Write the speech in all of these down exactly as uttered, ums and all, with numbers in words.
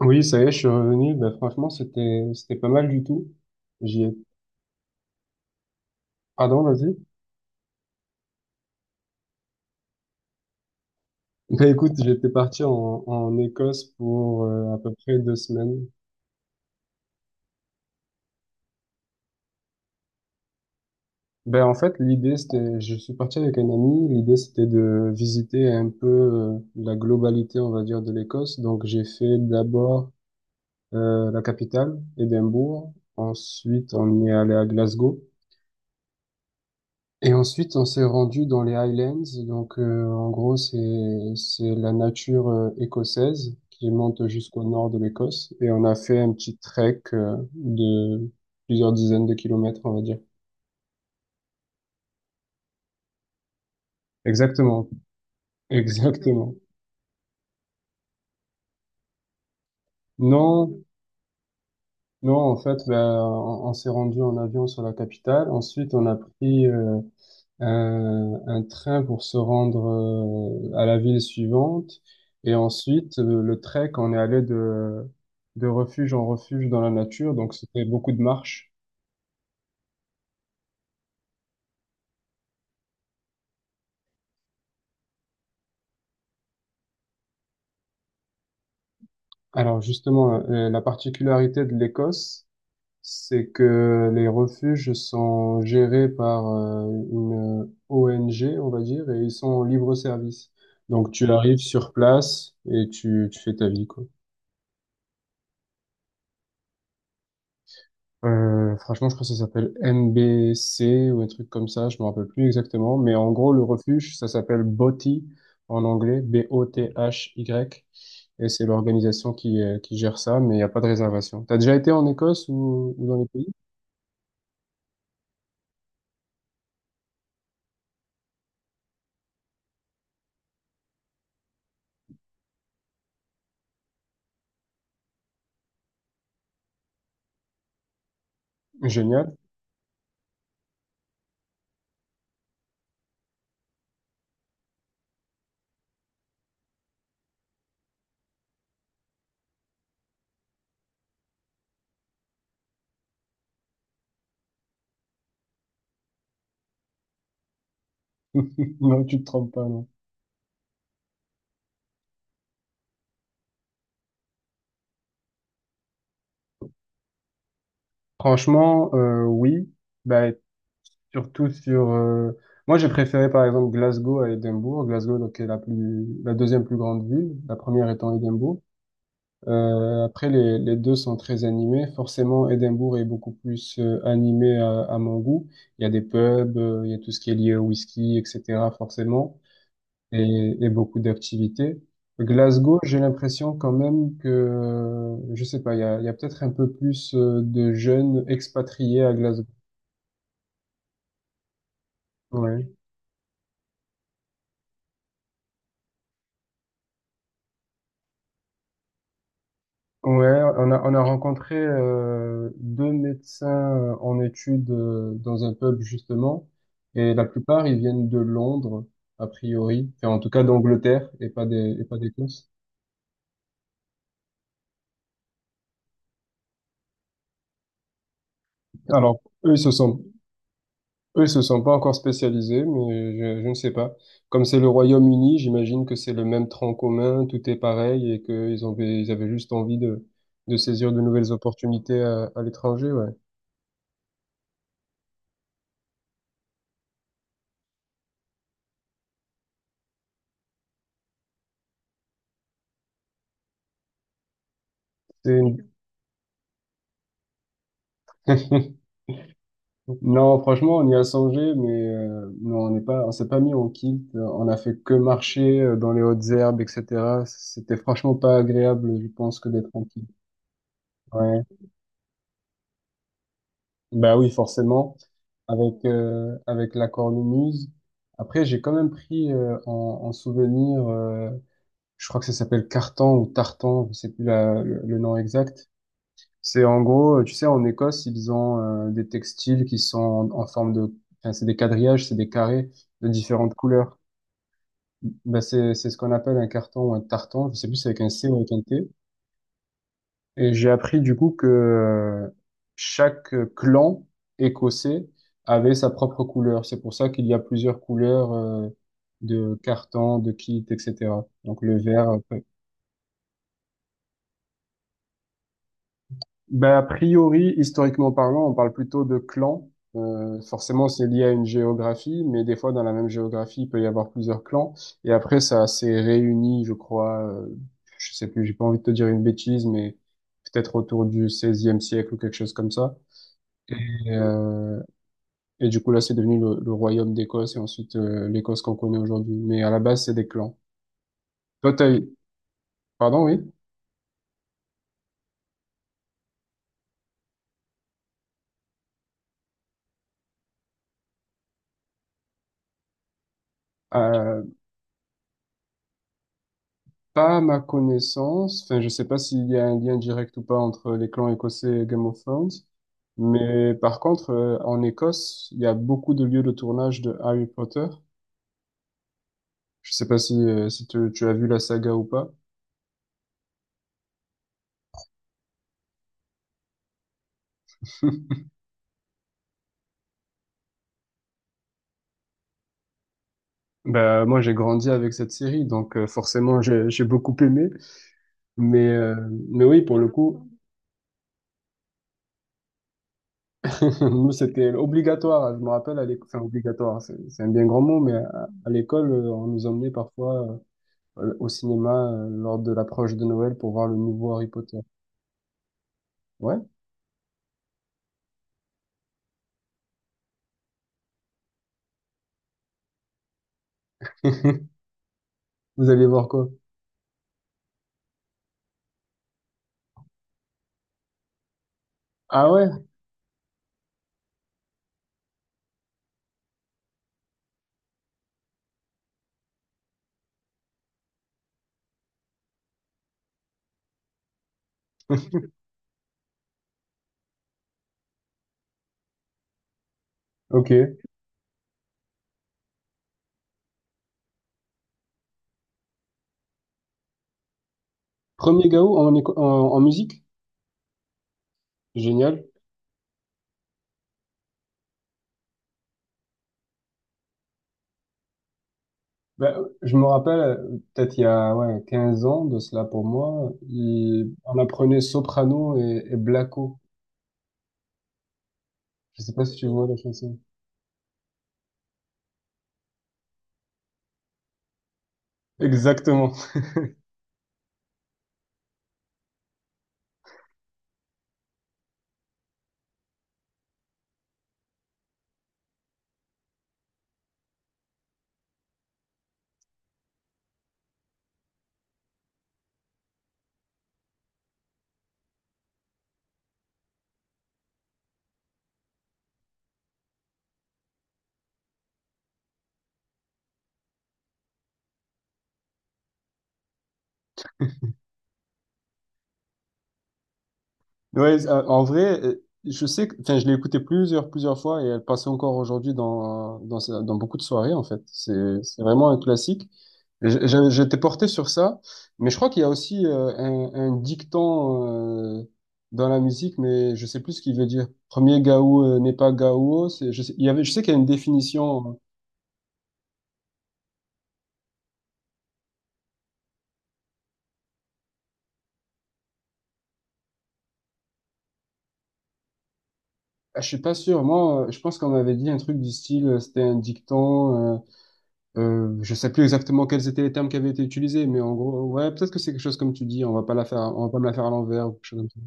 Oui, ça y est, je suis revenu. Bah, franchement, c'était c'était pas mal du tout. J'y ai... Pardon, vas-y. Bah, écoute, j'étais parti en, en Écosse pour euh, à peu près deux semaines. Ben en fait, l'idée, c'était. Je suis parti avec un ami. L'idée, c'était de visiter un peu euh, la globalité, on va dire, de l'Écosse. Donc, j'ai fait d'abord euh, la capitale, Édimbourg. Ensuite, on est allé à Glasgow. Et ensuite, on s'est rendu dans les Highlands. Donc, euh, en gros, c'est c'est la nature euh, écossaise qui monte jusqu'au nord de l'Écosse. Et on a fait un petit trek euh, de plusieurs dizaines de kilomètres, on va dire. Exactement, exactement. Non, non, en fait, ben, on, on s'est rendu en avion sur la capitale. Ensuite, on a pris euh, un, un train pour se rendre euh, à la ville suivante. Et ensuite, euh, le trek, on est allé de, de refuge en refuge dans la nature, donc c'était beaucoup de marches. Alors justement, euh, la particularité de l'Écosse, c'est que les refuges sont gérés par euh, une O N G, on va dire, et ils sont en libre service. Donc tu arrives sur place et tu, tu fais ta vie, quoi. Euh, franchement, je crois que ça s'appelle M B C ou un truc comme ça, je me rappelle plus exactement, mais en gros, le refuge, ça s'appelle BOTY en anglais, B O T H Y, et c'est l'organisation qui, euh, qui gère ça, mais il n'y a pas de réservation. T'as déjà été en Écosse ou, ou dans les pays? Génial. Non, tu te trompes pas, non. Franchement, euh, oui, bah, surtout sur... euh, Moi, j'ai préféré, par exemple, Glasgow à Édimbourg. Glasgow, donc, est la plus, la deuxième plus grande ville, la première étant Édimbourg. Euh, après, les, les deux sont très animés. Forcément, Édimbourg est beaucoup plus euh, animé à, à mon goût. Il y a des pubs, euh, il y a tout ce qui est lié au whisky, et cetera Forcément, et, et beaucoup d'activités. Glasgow, j'ai l'impression quand même que, euh, je sais pas, il y a, il y a peut-être un peu plus euh, de jeunes expatriés à Glasgow. Ouais. Ouais, on a, on a rencontré euh, deux médecins euh, en études euh, dans un pub justement, et la plupart ils viennent de Londres, a priori, enfin en tout cas d'Angleterre et pas des et pas d'Écosse. Alors eux ils se sont eux ils se sont pas encore spécialisés, mais je, je ne sais pas. Comme c'est le Royaume-Uni, j'imagine que c'est le même tronc commun, tout est pareil et qu'ils avaient ils avaient juste envie de de saisir de nouvelles opportunités à, à l'étranger, ouais. C'est une- Non, franchement, on y a songé, mais euh, non, on n'est pas, on s'est pas mis en kilt. Euh, On a fait que marcher euh, dans les hautes herbes, et cetera. C'était franchement pas agréable, je pense, que d'être en kilt. Ouais. Bah oui, forcément, avec euh, avec la cornemuse. Après, j'ai quand même pris euh, en, en souvenir, euh, je crois que ça s'appelle carton ou tartan, je sais plus la- le, le nom exact. C'est en gros, euh, tu sais, en Écosse, ils ont euh, des textiles qui sont en, en forme de. Enfin, c'est des quadrillages, c'est des carrés de différentes couleurs. Bah, c'est, c'est ce qu'on appelle un carton ou un tartan, je sais plus si c'est avec un C ou avec un T. Et j'ai appris du coup que euh, chaque clan écossais avait sa propre couleur. C'est pour ça qu'il y a plusieurs couleurs euh, de cartons, de kits, et cetera. Donc le vert, euh, Ben, a priori, historiquement parlant, on parle plutôt de clans. Euh, forcément, c'est lié à une géographie, mais des fois, dans la même géographie, il peut y avoir plusieurs clans. Et après, ça s'est réuni, je crois, euh, je sais plus, j'ai pas envie de te dire une bêtise, mais peut-être autour du seizième siècle ou quelque chose comme ça. Et, euh, et du coup, là, c'est devenu le, le royaume d'Écosse et ensuite euh, l'Écosse qu'on connaît aujourd'hui. Mais à la base, c'est des clans. Toi, t'as eu. Pardon, oui? Euh, Pas à ma connaissance. Enfin, je sais pas s'il y a un lien direct ou pas entre les clans écossais et Game of Thrones. Mais par contre, euh, en Écosse, il y a beaucoup de lieux de tournage de Harry Potter. Je sais pas si, euh, si tu, tu as vu la saga ou pas. Bah, moi, j'ai grandi avec cette série, donc euh, forcément, j'ai j'ai beaucoup aimé. Mais, euh, mais oui, pour le coup, nous, c'était obligatoire. Je me rappelle, à l'école, enfin, obligatoire, c'est c'est un bien grand mot, mais à, à l'école, euh, on nous emmenait parfois euh, au cinéma euh, lors de l'approche de Noël pour voir le nouveau Harry Potter. Ouais? Vous allez voir quoi? Ah ouais? Ok. Premier Gaou en, éco- en, en musique? Génial. Ben, je me rappelle, euh, peut-être il y a ouais, quinze ans de cela pour moi, il- on apprenait soprano et, et blacko. Je sais pas si tu vois la chanson. Exactement. Ouais, euh, en vrai, euh, je sais que, enfin, je l'ai écoutée plusieurs, plusieurs fois et elle passait encore aujourd'hui dans, dans, sa- dans beaucoup de soirées, en fait. C'est, c'est vraiment un classique. Et j'- j'avais- J'étais porté sur ça, mais je crois qu'il y a aussi euh, un, un dicton euh, dans la musique, mais je sais plus ce qu'il veut dire. Premier gaou euh, n'est pas gaou. C'est, je sais, il y avait, je sais qu'il y a une définition. euh, Je suis pas sûr. Moi, euh, je pense qu'on m'avait dit un truc du style, euh, c'était un dicton. euh, Euh, je sais plus exactement quels étaient les termes qui avaient été utilisés, mais en gros, ouais, peut-être que c'est quelque chose comme tu dis, on va pas la faire, on va pas me la faire à l'envers ou quelque chose comme ça.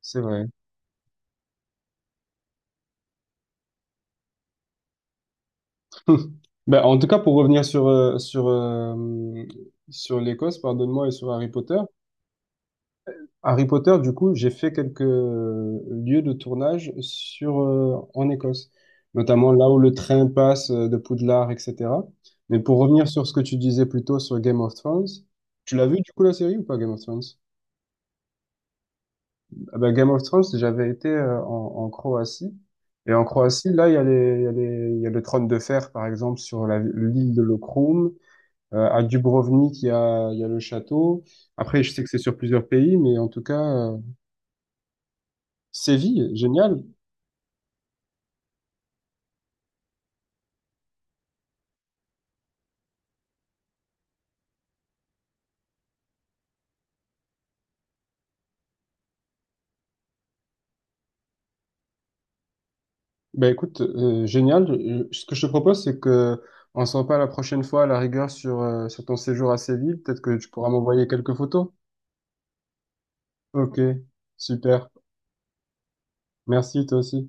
C'est vrai. Ben, en tout cas, pour revenir sur euh, sur euh, sur l'Écosse, pardonne-moi, et sur Harry Potter. Harry Potter, du coup, j'ai fait quelques euh, lieux de tournage sur euh, en Écosse, notamment là où le train passe euh, de Poudlard, et cetera. Mais pour revenir sur ce que tu disais plus tôt sur Game of Thrones, tu l'as vu du coup la série ou pas Game of Thrones? Ah bah, Game of Thrones, j'avais été euh, en, en Croatie. Et en Croatie, là, il y a les, il y a les- il y a le trône de fer, par exemple, sur la- l'île de Lokrum. Euh, à Dubrovnik, il y a, il y a le château. Après, je sais que c'est sur plusieurs pays, mais en tout cas, euh, Séville, génial. Ben écoute, euh, génial. Je- Ce que je te propose, c'est que on s'en parle la prochaine fois, à la rigueur, sur, euh, sur ton séjour à Séville. Peut-être que tu pourras m'envoyer quelques photos. Ok, super. Merci, toi aussi.